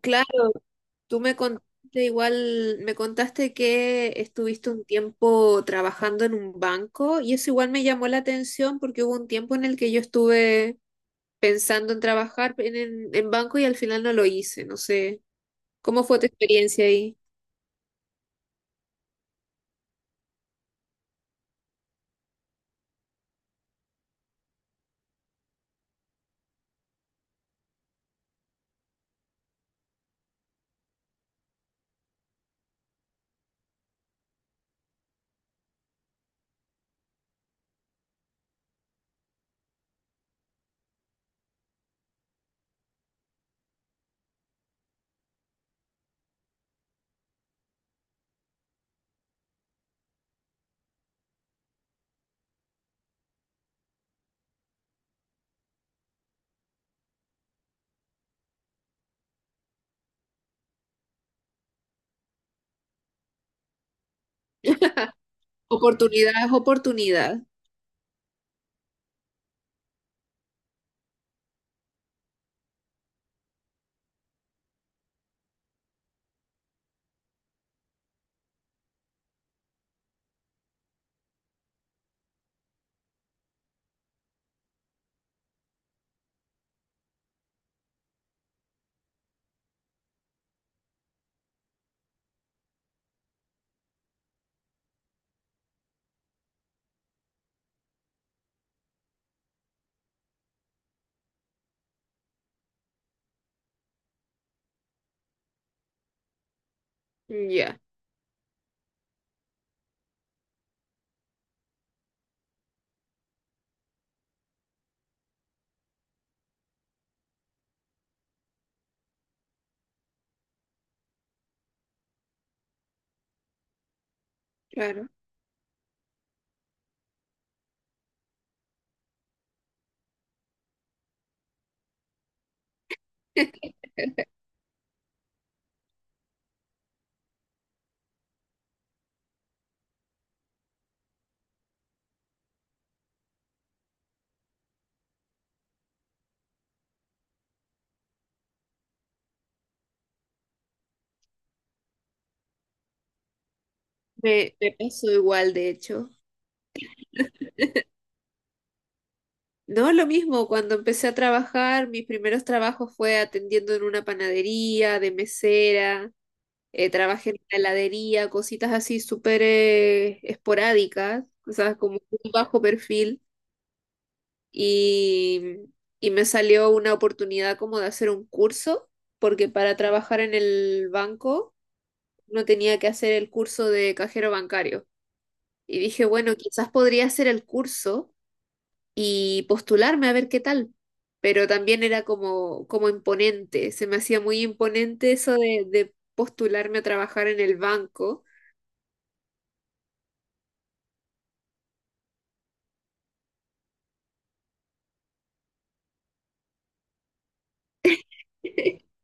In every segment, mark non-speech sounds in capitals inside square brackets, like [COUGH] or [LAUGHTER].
Claro, tú me contaste igual, me contaste que estuviste un tiempo trabajando en un banco y eso igual me llamó la atención porque hubo un tiempo en el que yo estuve pensando en trabajar en banco y al final no lo hice, no sé. ¿Cómo fue tu experiencia ahí? Oportunidad es oportunidad. Mm, ya, claro. [LAUGHS] Me pasó igual, de hecho. No, lo mismo, cuando empecé a trabajar, mis primeros trabajos fue atendiendo en una panadería, de mesera. Trabajé en la heladería, cositas así súper esporádicas, o sea, como un bajo perfil. Y, y me salió una oportunidad como de hacer un curso, porque para trabajar en el banco no tenía que hacer el curso de cajero bancario. Y dije, bueno, quizás podría hacer el curso y postularme a ver qué tal. Pero también era como, como imponente, se me hacía muy imponente eso de postularme a trabajar en el banco. [LAUGHS]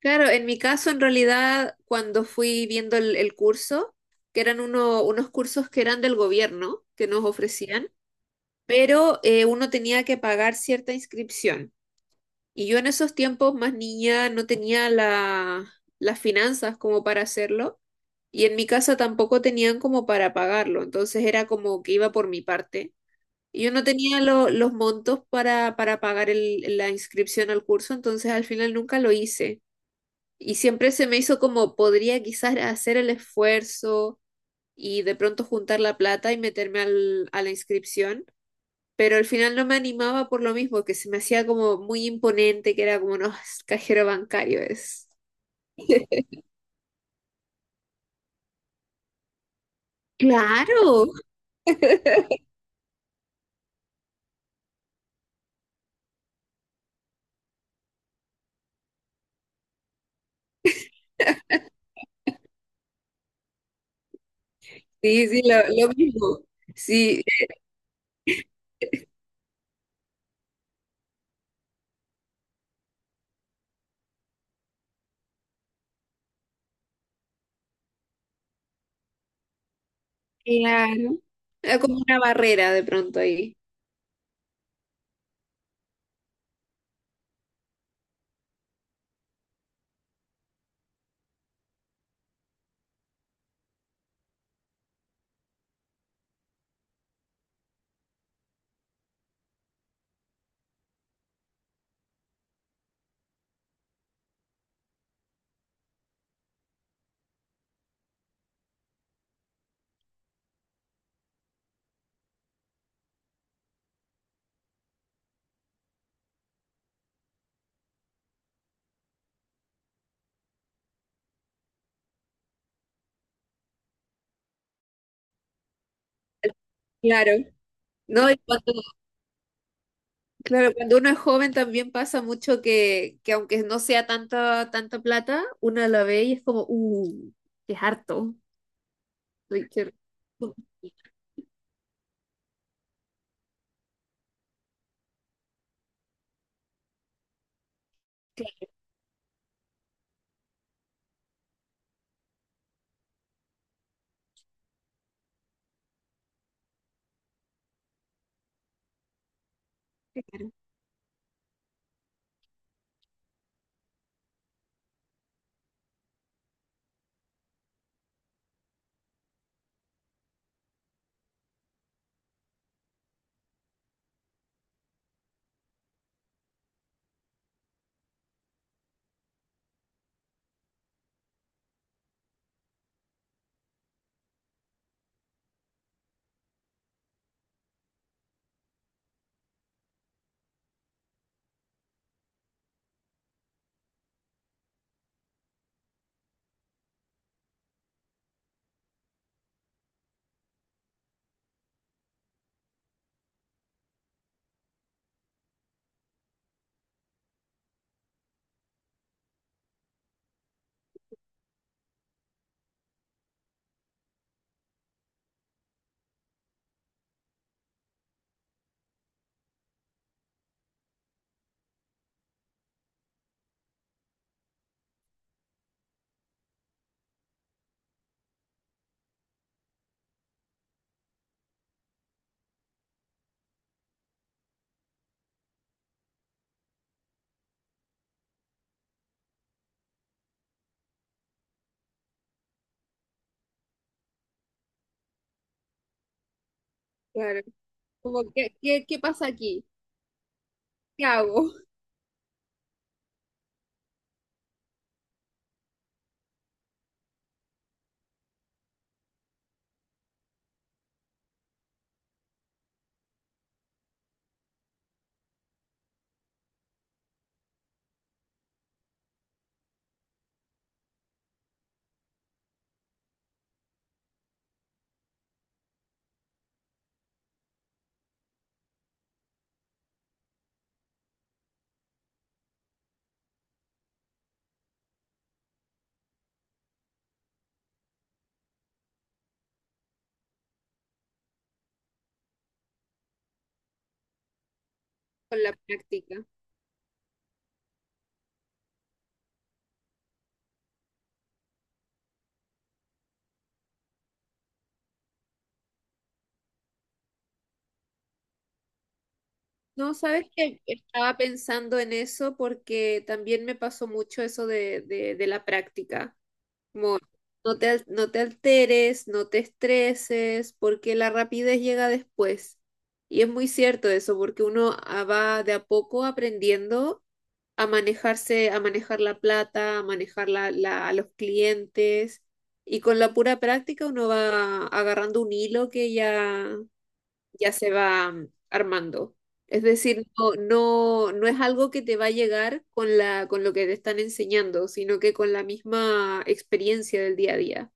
Claro, en mi caso, en realidad, cuando fui viendo el curso, que eran unos cursos que eran del gobierno, que nos ofrecían, pero uno tenía que pagar cierta inscripción. Y yo en esos tiempos, más niña, no tenía las finanzas como para hacerlo. Y en mi casa tampoco tenían como para pagarlo. Entonces era como que iba por mi parte. Y yo no tenía los montos para, pagar la inscripción al curso, entonces al final nunca lo hice. Y siempre se me hizo como podría quizás hacer el esfuerzo y de pronto juntar la plata y meterme a la inscripción, pero al final no me animaba por lo mismo, que se me hacía como muy imponente, que era como, no, es cajero bancario es. Claro, sí, sí, lo mismo. Sí, claro. Era como una barrera de pronto ahí. Claro. No, y cuando Claro, cuando uno es joven también pasa mucho que aunque no sea tanta, tanta plata, uno la ve y es como, qué harto. Ay, claro, como, ¿qué pasa aquí? ¿Qué hago [LAUGHS] con la práctica? No, sabes que estaba pensando en eso porque también me pasó mucho eso de la práctica. Muy. No te alteres, no te estreses, porque la rapidez llega después. Y es muy cierto eso, porque uno va de a poco aprendiendo a manejarse, a manejar la plata, a manejar a los clientes. Y con la pura práctica uno va agarrando un hilo que ya se va armando. Es decir, no, no, no es algo que te va a llegar con lo que te están enseñando, sino que con la misma experiencia del día a día.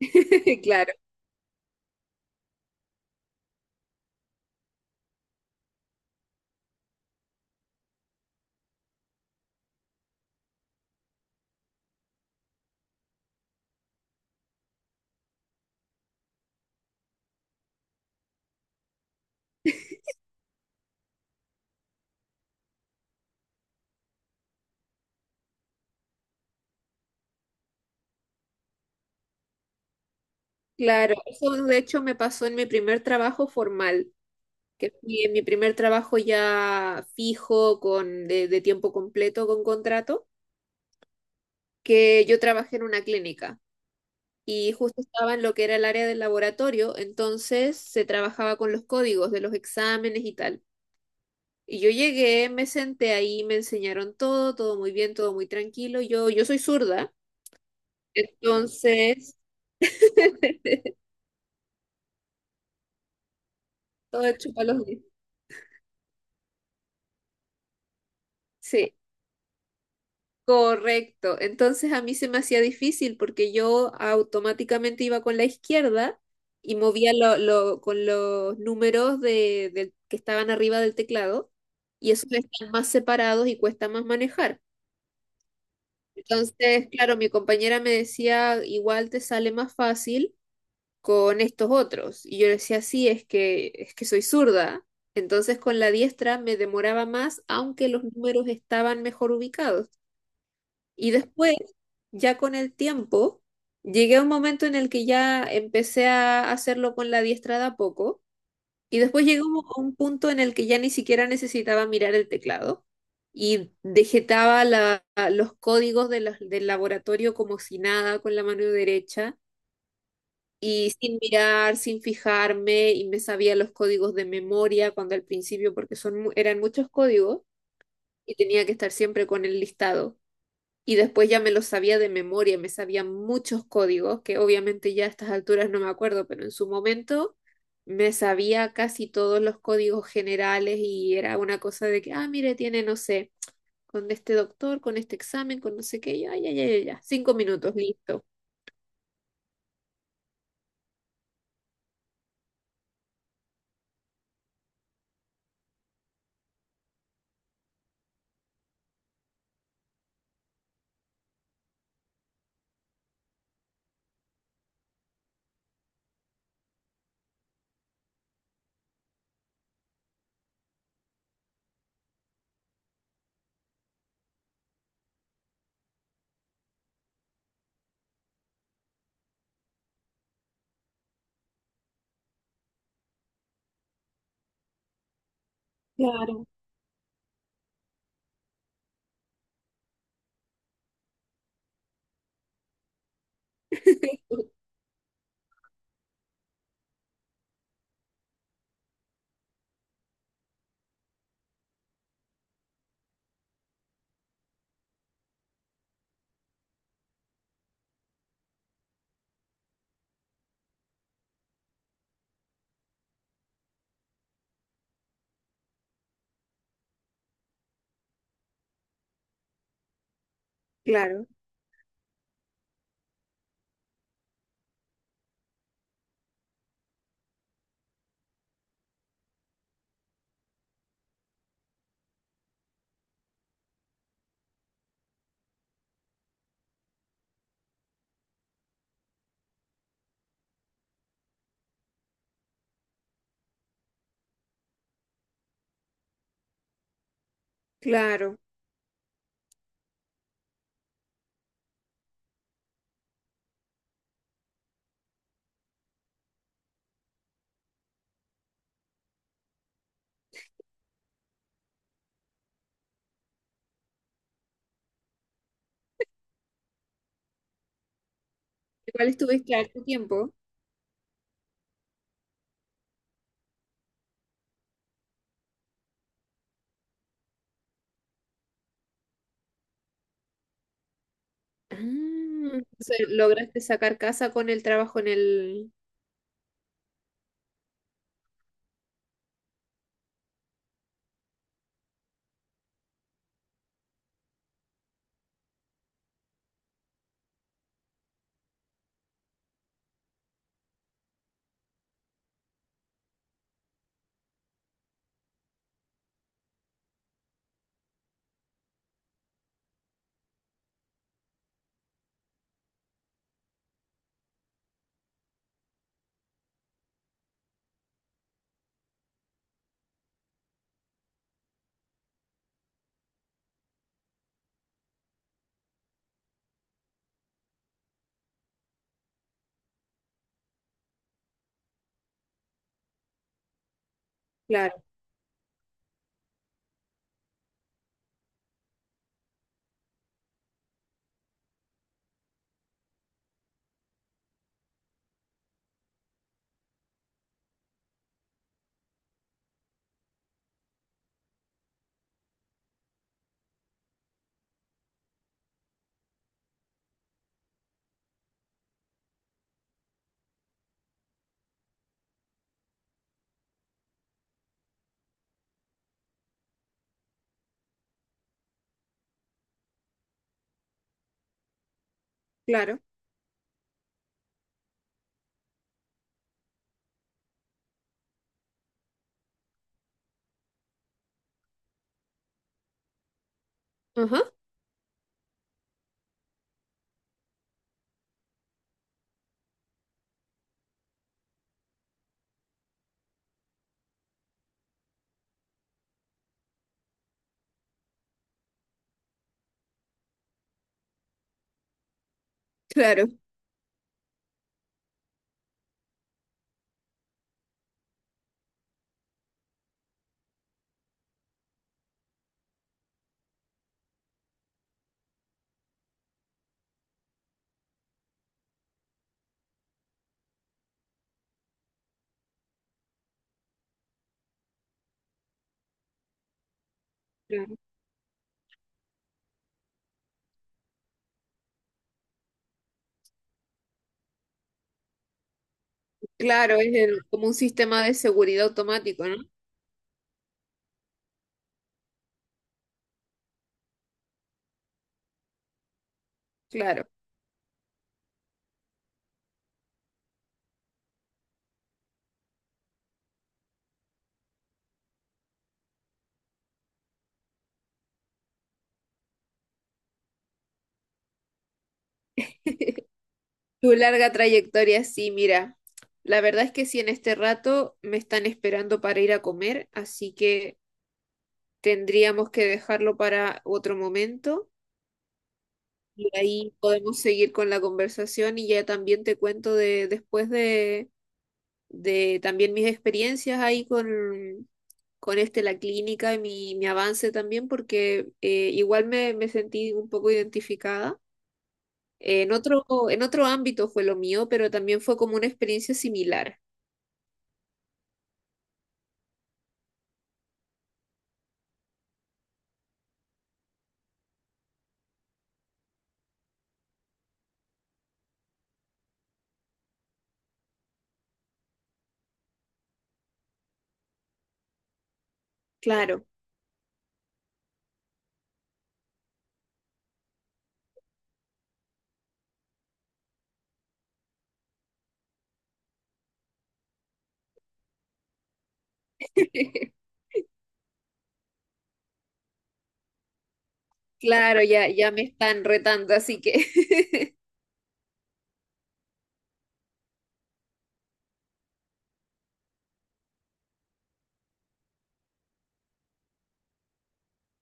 [LAUGHS] Claro, claro. Eso de hecho me pasó en mi primer trabajo formal, que fui en mi primer trabajo ya fijo, de tiempo completo, con contrato, que yo trabajé en una clínica y justo estaba en lo que era el área del laboratorio, entonces se trabajaba con los códigos de los exámenes y tal. Y yo llegué, me senté ahí, me enseñaron todo, todo muy bien, todo muy tranquilo. Yo soy zurda, entonces [LAUGHS] todo hecho para los dientes. Sí, correcto. Entonces a mí se me hacía difícil porque yo automáticamente iba con la izquierda y movía con los números que estaban arriba del teclado y esos están más separados y cuesta más manejar. Entonces, claro, mi compañera me decía, igual te sale más fácil con estos otros. Y yo le decía, sí, es que soy zurda. Entonces con la diestra me demoraba más, aunque los números estaban mejor ubicados. Y después, ya con el tiempo, llegué a un momento en el que ya empecé a hacerlo con la diestra de a poco. Y después llegué a un punto en el que ya ni siquiera necesitaba mirar el teclado y dejetaba los códigos del laboratorio como si nada con la mano derecha y sin mirar, sin fijarme, y me sabía los códigos de memoria cuando al principio, porque eran muchos códigos y tenía que estar siempre con el listado. Y después ya me los sabía de memoria, me sabía muchos códigos, que obviamente ya a estas alturas no me acuerdo, pero en su momento me sabía casi todos los códigos generales y era una cosa de que, ah, mire, tiene, no sé, con este doctor, con este examen, con no sé qué, ya, ya, ya, ya, ya, 5 minutos, listo. Claro. [LAUGHS] Claro, claro. Igual estuviste harto tiempo. Ah, entonces, ¿lograste sacar casa con el trabajo en el...? Claro, claro. Ajá, claro. Claro, claro, es como un sistema de seguridad automático, ¿no? Claro. Tu larga trayectoria, sí, mira. La verdad es que sí, en este rato me están esperando para ir a comer, así que tendríamos que dejarlo para otro momento y ahí podemos seguir con la conversación y ya también te cuento de después de también mis experiencias ahí con este, la clínica y mi avance también, porque igual me sentí un poco identificada. Eh, en otro, en otro ámbito fue lo mío, pero también fue como una experiencia similar. Claro, [LAUGHS] claro, ya, ya me están retando, así que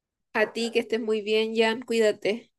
[LAUGHS] a ti, que estés muy bien, Jan, cuídate.